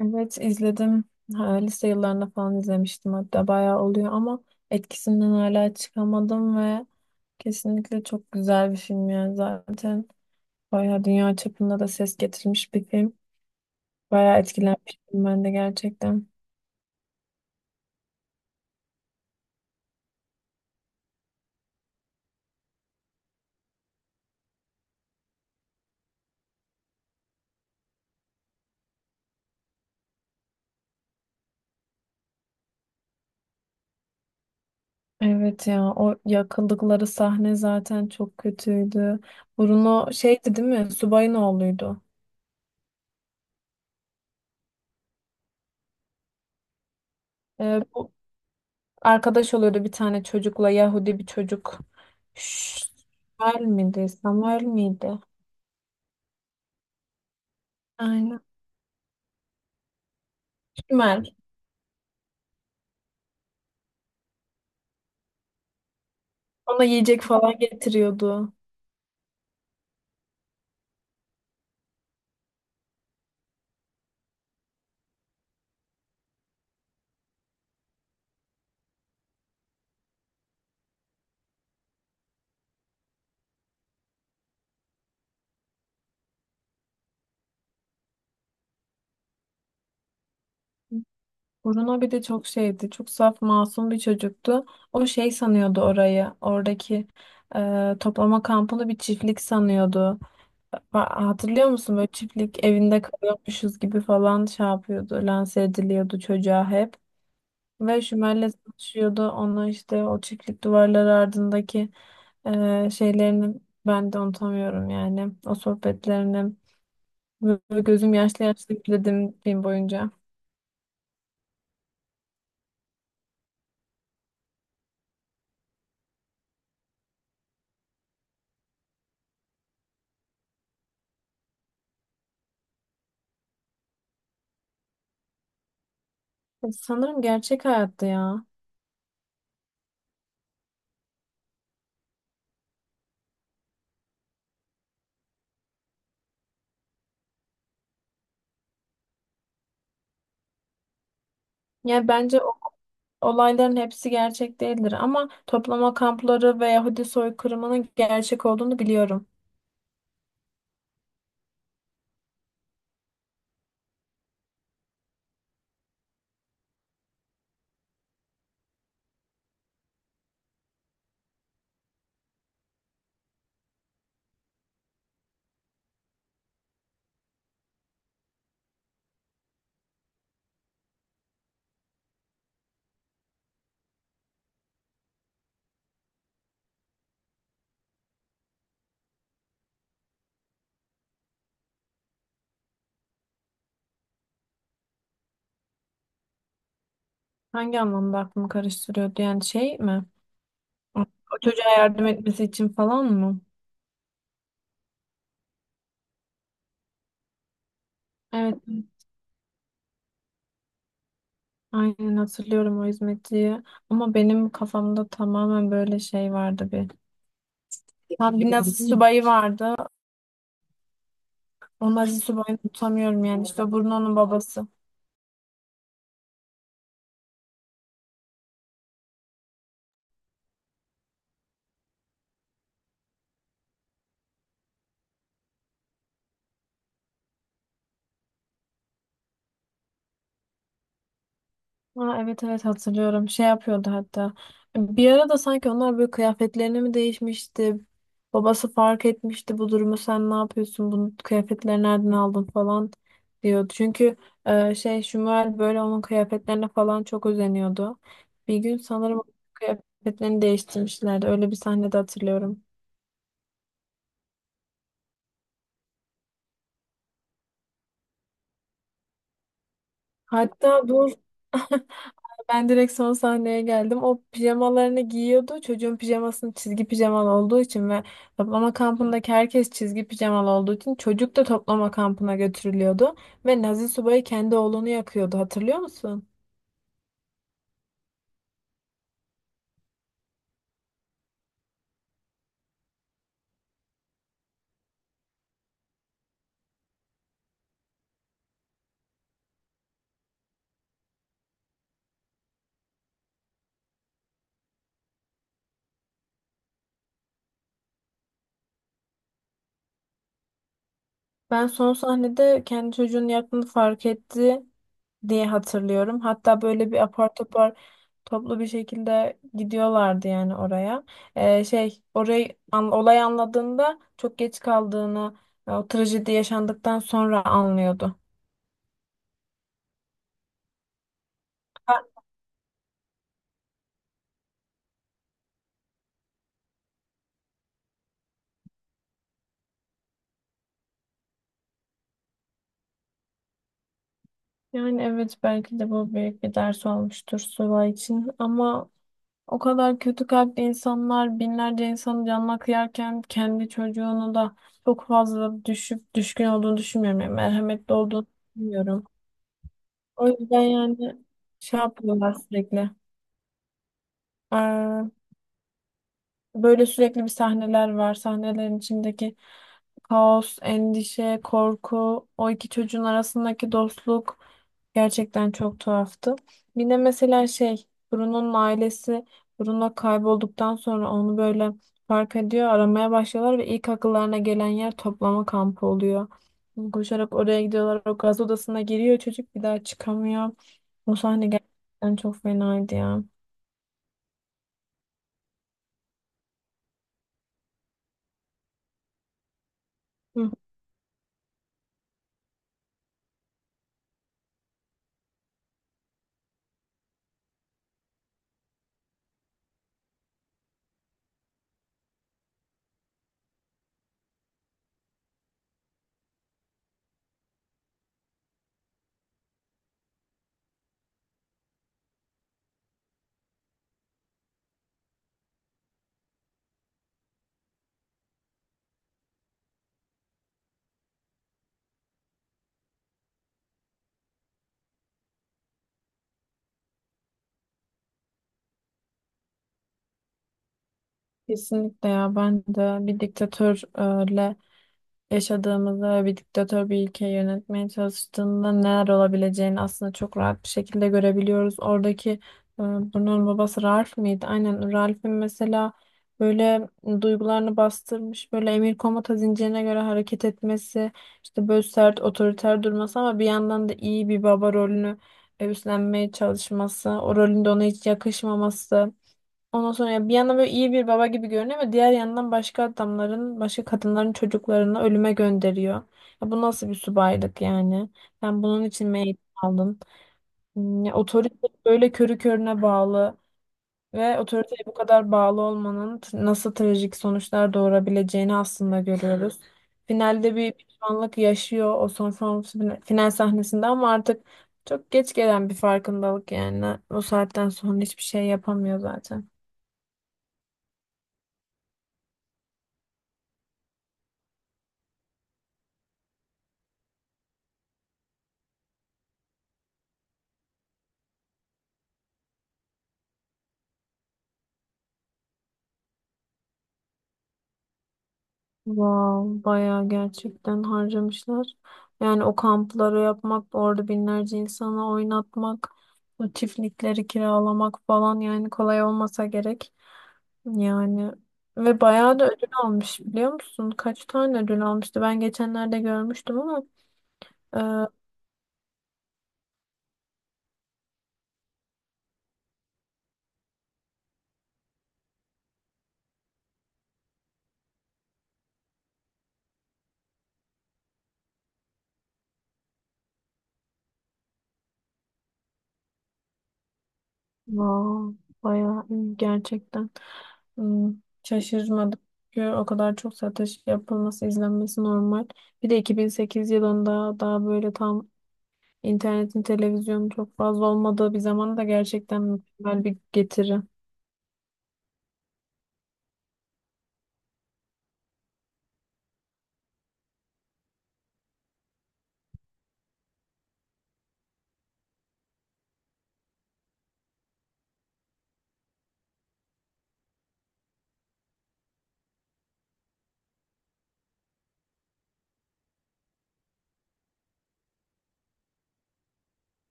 Evet izledim. Ha, Lise yıllarında falan izlemiştim hatta bayağı oluyor ama etkisinden hala çıkamadım ve kesinlikle çok güzel bir film yani zaten bayağı dünya çapında da ses getirmiş bir film. Bayağı etkilenmiştim ben de gerçekten. Evet ya o yakıldıkları sahne zaten çok kötüydü. Bruno şeydi değil mi? Subayın oğluydu. Bu arkadaş oluyordu bir tane çocukla Yahudi bir çocuk. Ş- Şmuel miydi? Samuel miydi? Aynen. Şmuel. Ona yiyecek falan getiriyordu. Bruno bir de çok şeydi. Çok saf masum bir çocuktu. O şey sanıyordu orayı. Oradaki toplama kampını bir çiftlik sanıyordu. Hatırlıyor musun böyle çiftlik evinde kalıyormuşuz gibi falan şey yapıyordu. Lanse ediliyordu çocuğa hep. Ve Şümer'le çalışıyordu. Ona işte o çiftlik duvarları ardındaki şeylerini ben de unutamıyorum yani. O sohbetlerini. Böyle gözüm yaşlı yaşlı gülüyordum film boyunca. Sanırım gerçek hayatta ya. Yani bence olayların hepsi gerçek değildir ama toplama kampları ve Yahudi soykırımının gerçek olduğunu biliyorum. Hangi anlamda aklımı karıştırıyor diyen şey mi? O çocuğa yardım etmesi için falan mı? Evet, aynen hatırlıyorum o hizmetçiyi. Ama benim kafamda tamamen böyle şey vardı bir. Ha, bir Nazi subayı vardı. O Nazi subayını tutamıyorum yani. İşte o Bruno'nun babası. Ha, evet, evet, hatırlıyorum. Şey yapıyordu hatta. Bir ara da sanki onlar böyle kıyafetlerini mi değişmişti? Babası fark etmişti bu durumu. Sen ne yapıyorsun? Bunu kıyafetleri nereden aldın falan diyordu. Çünkü Şumuel böyle onun kıyafetlerine falan çok özeniyordu. Bir gün sanırım onun kıyafetlerini değiştirmişlerdi. Öyle bir sahnede hatırlıyorum. Hatta dur. Ben direkt son sahneye geldim. O pijamalarını giyiyordu. Çocuğun pijamasının çizgi pijamalı olduğu için ve toplama kampındaki herkes çizgi pijamalı olduğu için çocuk da toplama kampına götürülüyordu. Ve Nazi subayı kendi oğlunu yakıyordu. Hatırlıyor musun? Ben son sahnede kendi çocuğunu yaktığını fark etti diye hatırlıyorum. Hatta böyle bir apar topar toplu bir şekilde gidiyorlardı yani oraya. Şey orayı olay anladığında çok geç kaldığını, o trajedi yaşandıktan sonra anlıyordu. Ha, Yani evet belki de bu büyük bir ders olmuştur Sıla için ama o kadar kötü kalpli insanlar binlerce insanın canına kıyarken kendi çocuğunu da çok fazla düşüp düşkün olduğunu düşünmüyorum. Yani merhametli olduğunu düşünmüyorum. O yüzden yani şey yapıyorlar sürekli. Ee, Böyle sürekli bir sahneler var. Sahnelerin içindeki kaos, endişe, korku, o iki çocuğun arasındaki dostluk gerçekten çok tuhaftı. Bir de mesela şey, Bruno'nun ailesi Bruno kaybolduktan sonra onu böyle fark ediyor, aramaya başlıyorlar ve ilk akıllarına gelen yer toplama kampı oluyor. Koşarak oraya gidiyorlar. O gaz odasına giriyor çocuk bir daha çıkamıyor. O sahne gerçekten çok fenaydı ya. Hı. Kesinlikle ya ben de bir diktatörle yaşadığımızda ve bir diktatör bir ülkeyi yönetmeye çalıştığında neler olabileceğini aslında çok rahat bir şekilde görebiliyoruz. Oradaki bunun babası Ralph mıydı? Aynen Ralph'in mesela böyle duygularını bastırmış böyle emir komuta zincirine göre hareket etmesi işte böyle sert otoriter durması ama bir yandan da iyi bir baba rolünü üstlenmeye çalışması o rolünde ona hiç yakışmaması. Ondan sonra ya bir yandan böyle iyi bir baba gibi görünüyor ama diğer yandan başka adamların, başka kadınların çocuklarını ölüme gönderiyor. Ya bu nasıl bir subaylık yani? Sen bunun için mi eğitim aldın? Hmm, ya otorite böyle körü körüne bağlı ve otoriteye bu kadar bağlı olmanın nasıl trajik sonuçlar doğurabileceğini aslında görüyoruz. Finalde bir pişmanlık yaşıyor o son son final sahnesinde ama artık çok geç gelen bir farkındalık yani. O saatten sonra hiçbir şey yapamıyor zaten. Wow, bayağı gerçekten harcamışlar. Yani o kampları yapmak, orada binlerce insanı oynatmak, o çiftlikleri kiralamak falan yani kolay olmasa gerek. Yani ve bayağı da ödül almış biliyor musun? Kaç tane ödül almıştı? Ben geçenlerde görmüştüm ama e, wow, bayağı iyi gerçekten. Hmm, şaşırmadım. Çünkü o kadar çok satış yapılması, izlenmesi normal. Bir de 2008 yılında daha böyle tam İnternetin, televizyonun çok fazla olmadığı bir zamanda da gerçekten mükemmel bir getiri.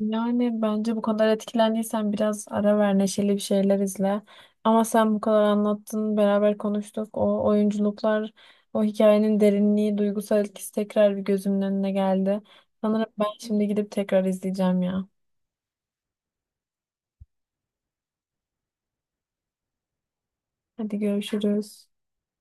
Yani bence bu kadar etkilendiysen biraz ara ver, neşeli bir şeyler izle. Ama sen bu kadar anlattın, beraber konuştuk. O oyunculuklar, o hikayenin derinliği, duygusal etkisi tekrar bir gözümün önüne geldi. Sanırım ben şimdi gidip tekrar izleyeceğim ya. Hadi görüşürüz.